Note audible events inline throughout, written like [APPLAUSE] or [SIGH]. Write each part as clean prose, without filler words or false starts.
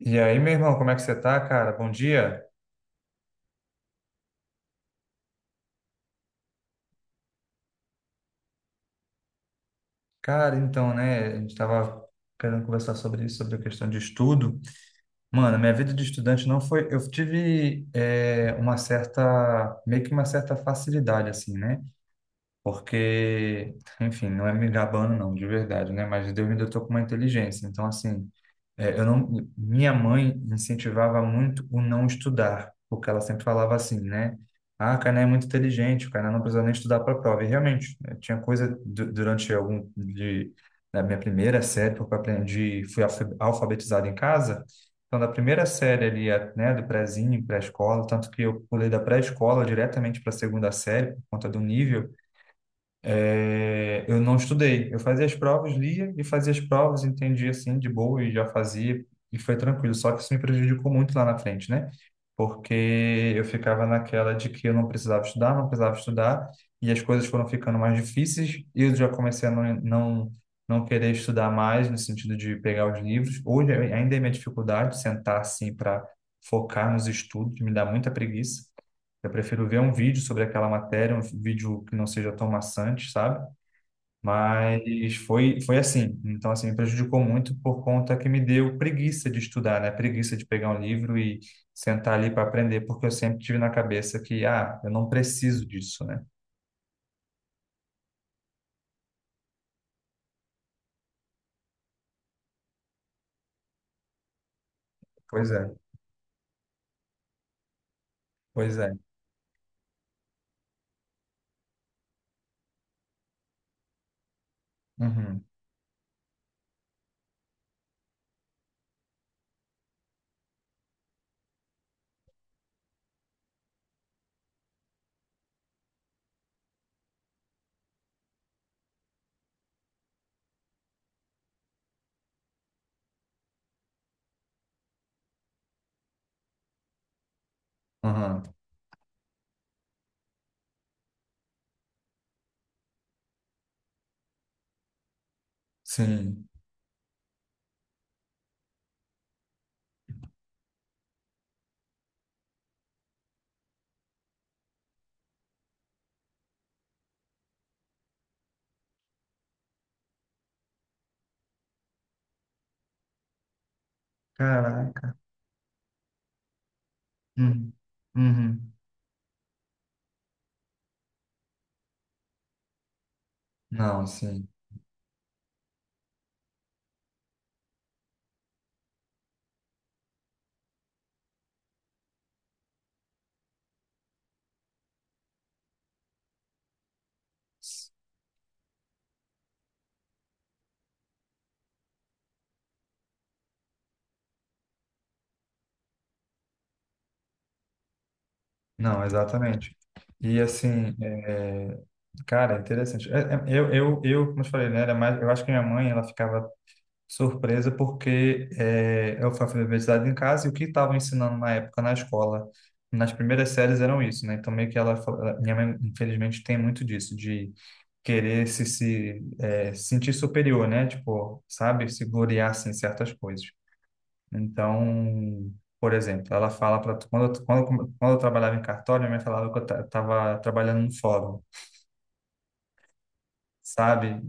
E aí, meu irmão, como é que você tá, cara? Bom dia. Cara, então, né, a gente tava querendo conversar sobre isso, sobre a questão de estudo. Mano, minha vida de estudante não foi... Eu tive uma certa... meio que uma certa facilidade, assim, né? Porque, enfim, não é me gabando, não, de verdade, né? Mas Deus me dotou com uma inteligência. Então, assim, É, eu não, minha mãe incentivava muito o não estudar, porque ela sempre falava assim, né? Ah, o Kainan é muito inteligente, o Kainan não precisa nem estudar para a prova. E realmente, né, tinha coisa durante algum de, da minha primeira série, porque eu aprendi, fui alfabetizado em casa. Então, da primeira série ali, né, do prézinho, pré-escola, tanto que eu pulei da pré-escola diretamente para a segunda série, por conta do nível. É, eu não estudei. Eu fazia as provas, lia e fazia as provas, entendia assim de boa e já fazia e foi tranquilo. Só que isso me prejudicou muito lá na frente, né? Porque eu ficava naquela de que eu não precisava estudar, não precisava estudar e as coisas foram ficando mais difíceis e eu já comecei a não querer estudar mais no sentido de pegar os livros. Hoje ainda é minha dificuldade sentar assim para focar nos estudos, me dá muita preguiça. Eu prefiro ver um vídeo sobre aquela matéria, um vídeo que não seja tão maçante, sabe? Mas foi assim. Então, assim, me prejudicou muito por conta que me deu preguiça de estudar, né? Preguiça de pegar um livro e sentar ali para aprender, porque eu sempre tive na cabeça que, ah, eu não preciso disso, né? Pois é, pois é. Uhum, uhum, sim. Caraca. Uhum, uhum. Não, sim. Não, exatamente. E assim, cara, é interessante. Eu, eu como eu te falei, né, era mais, eu acho que minha mãe, ela ficava surpresa porque eu fui alfabetizado em casa e o que estavam ensinando na época na escola, nas primeiras séries eram isso, né? Então meio que minha mãe, infelizmente, tem muito disso, de querer se, se é, sentir superior, né? Tipo, sabe? Se gloriar, assim, em certas coisas. Então, por exemplo, ela fala para quando eu trabalhava em cartório, minha mãe falava que eu estava trabalhando no fórum, sabe?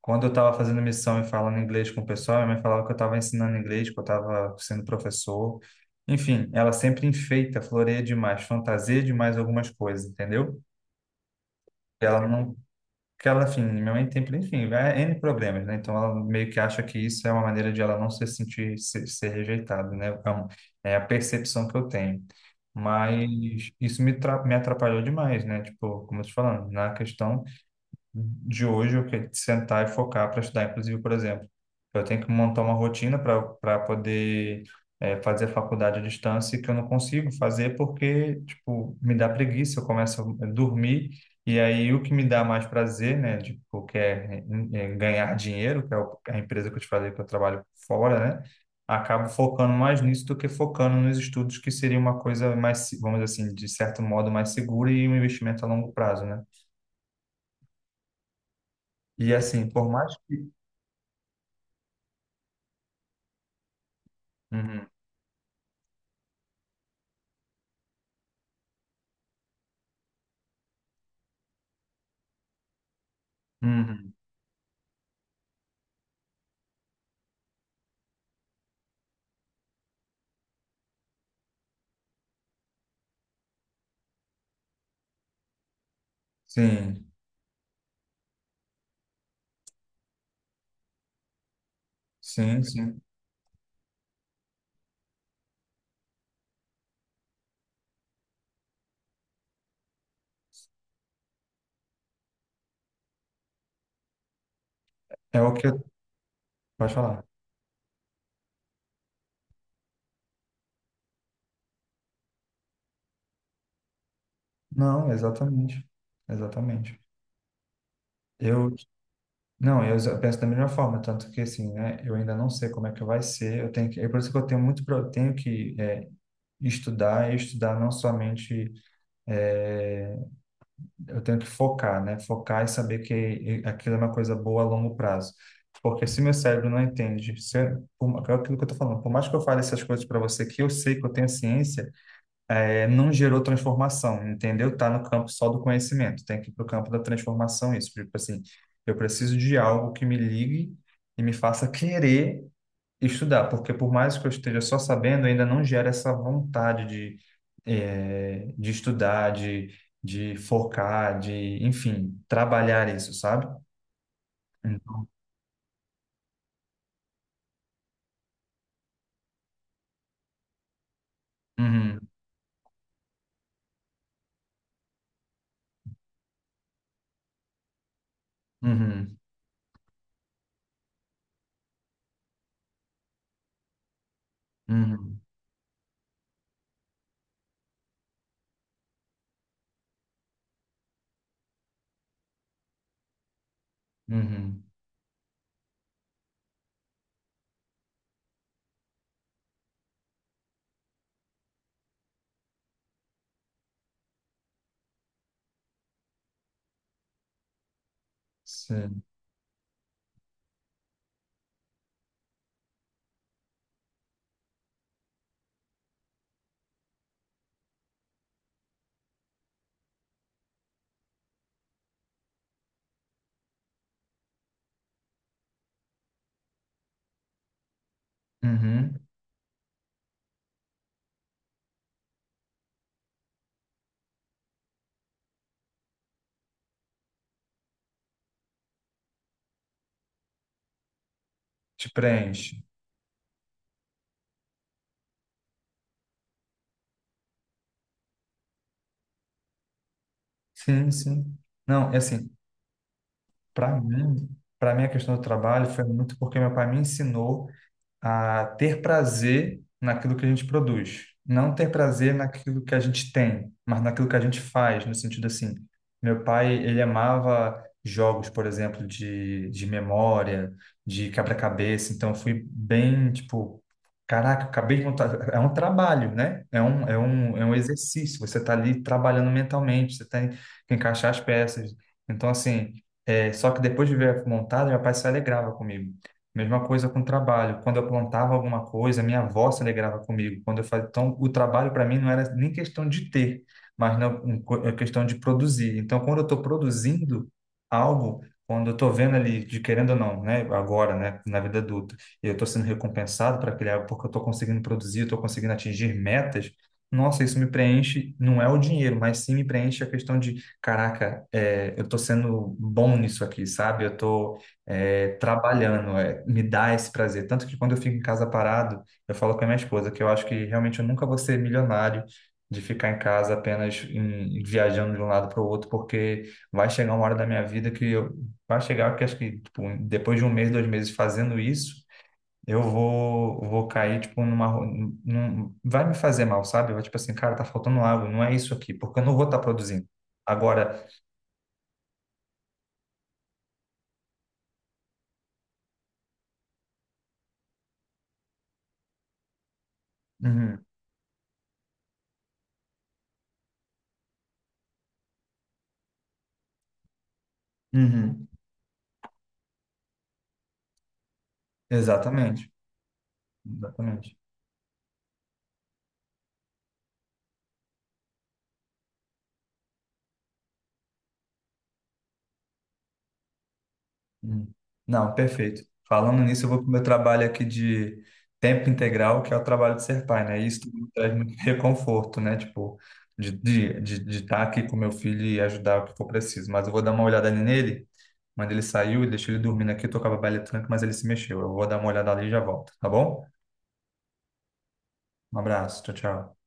Quando eu estava fazendo missão e falando inglês com o pessoal, minha mãe falava que eu estava ensinando inglês, que eu estava sendo professor. Enfim, ela sempre enfeita, floreia demais, fantasia demais algumas coisas, entendeu? Ela não. Que ela, enfim, minha mãe tem, enfim, N problemas, né? Então ela meio que acha que isso é uma maneira de ela não se sentir, ser rejeitada, né? É a percepção que eu tenho. Mas isso me atrapalhou demais, né? Tipo, como eu tô te falando, na questão de hoje eu quero sentar e focar para estudar. Inclusive, por exemplo, eu tenho que montar uma rotina para poder fazer faculdade à distância que eu não consigo fazer porque, tipo, me dá preguiça, eu começo a dormir e aí o que me dá mais prazer, né, tipo, que é, ganhar dinheiro, a empresa que eu te falei que eu trabalho fora, né, acabo focando mais nisso do que focando nos estudos, que seria uma coisa mais, vamos dizer assim, de certo modo mais segura e um investimento a longo prazo, né? E assim, por mais uhum, uhum. Sim, sim, sim. É o que eu... Pode falar. Não, exatamente. Exatamente. Eu, não, eu penso da mesma forma, tanto que assim, né, eu ainda não sei como é que vai ser, eu tenho que, é por isso que eu tenho muito, eu tenho que estudar, e estudar não somente, é, eu tenho que focar, né, focar e saber que aquilo é uma coisa boa a longo prazo, porque se meu cérebro não entende, se, eu- por, é aquilo que eu tô falando, por mais que eu fale essas coisas para você, que eu sei que eu tenho ciência, é, não gerou transformação, entendeu? Tá no campo só do conhecimento, tem que ir para o campo da transformação isso. Tipo assim, eu preciso de algo que me ligue e me faça querer estudar, porque por mais que eu esteja só sabendo, ainda não gera essa vontade de, é, de estudar, de focar, de, enfim, trabalhar isso, sabe? Uhum, uhum, uhum, uhum, sim, uhum. Te preenche. Sim, sim. Não, é assim, para mim, para mim, a questão do trabalho foi muito porque meu pai me ensinou a ter prazer naquilo que a gente produz. Não ter prazer naquilo que a gente tem, mas naquilo que a gente faz, no sentido assim. Meu pai, ele amava jogos, por exemplo, de memória, de quebra-cabeça, então eu fui bem, tipo, caraca, acabei de montar. É um trabalho, né? É um exercício. Você está ali trabalhando mentalmente, você tem que encaixar as peças. Então, assim, é, só que depois de ver montada, meu pai se alegrava comigo. Mesma coisa com o trabalho. Quando eu plantava alguma coisa, minha avó se alegrava comigo. Quando eu fazia, então, o trabalho para mim não era nem questão de ter, mas não, é questão de produzir. Então, quando eu estou produzindo algo, quando eu estou vendo ali, de querendo ou não, né, agora, né, na vida adulta, e eu estou sendo recompensado para aquele algo porque eu estou conseguindo produzir, eu estou conseguindo atingir metas. Nossa, isso me preenche, não é o dinheiro, mas sim me preenche a questão de, caraca, é, eu estou sendo bom nisso aqui, sabe? Eu estou é, trabalhando, é, me dá esse prazer. Tanto que quando eu fico em casa parado, eu falo com a minha esposa que eu acho que realmente eu nunca vou ser milionário de ficar em casa apenas viajando de um lado para o outro, porque vai chegar uma hora da minha vida que eu, vai chegar que acho que tipo, depois de um mês, dois meses fazendo isso, vou cair, tipo, num, vai me fazer mal, sabe? Vai, tipo assim, cara, tá faltando algo, não é isso aqui, porque eu não vou estar produzindo. Agora, uhum, uhum, exatamente, exatamente. Hum. Não, perfeito. Falando nisso, eu vou para o meu trabalho aqui de tempo integral, que é o trabalho de ser pai, né? E isso me traz muito [LAUGHS] reconforto, né? Tipo, de de estar aqui com meu filho e ajudar o que for preciso. Mas eu vou dar uma olhada nele. Quando ele saiu, eu deixei ele dormindo aqui, eu tocava baile funk, mas ele se mexeu. Eu vou dar uma olhada ali e já volto, tá bom? Um abraço, tchau, tchau.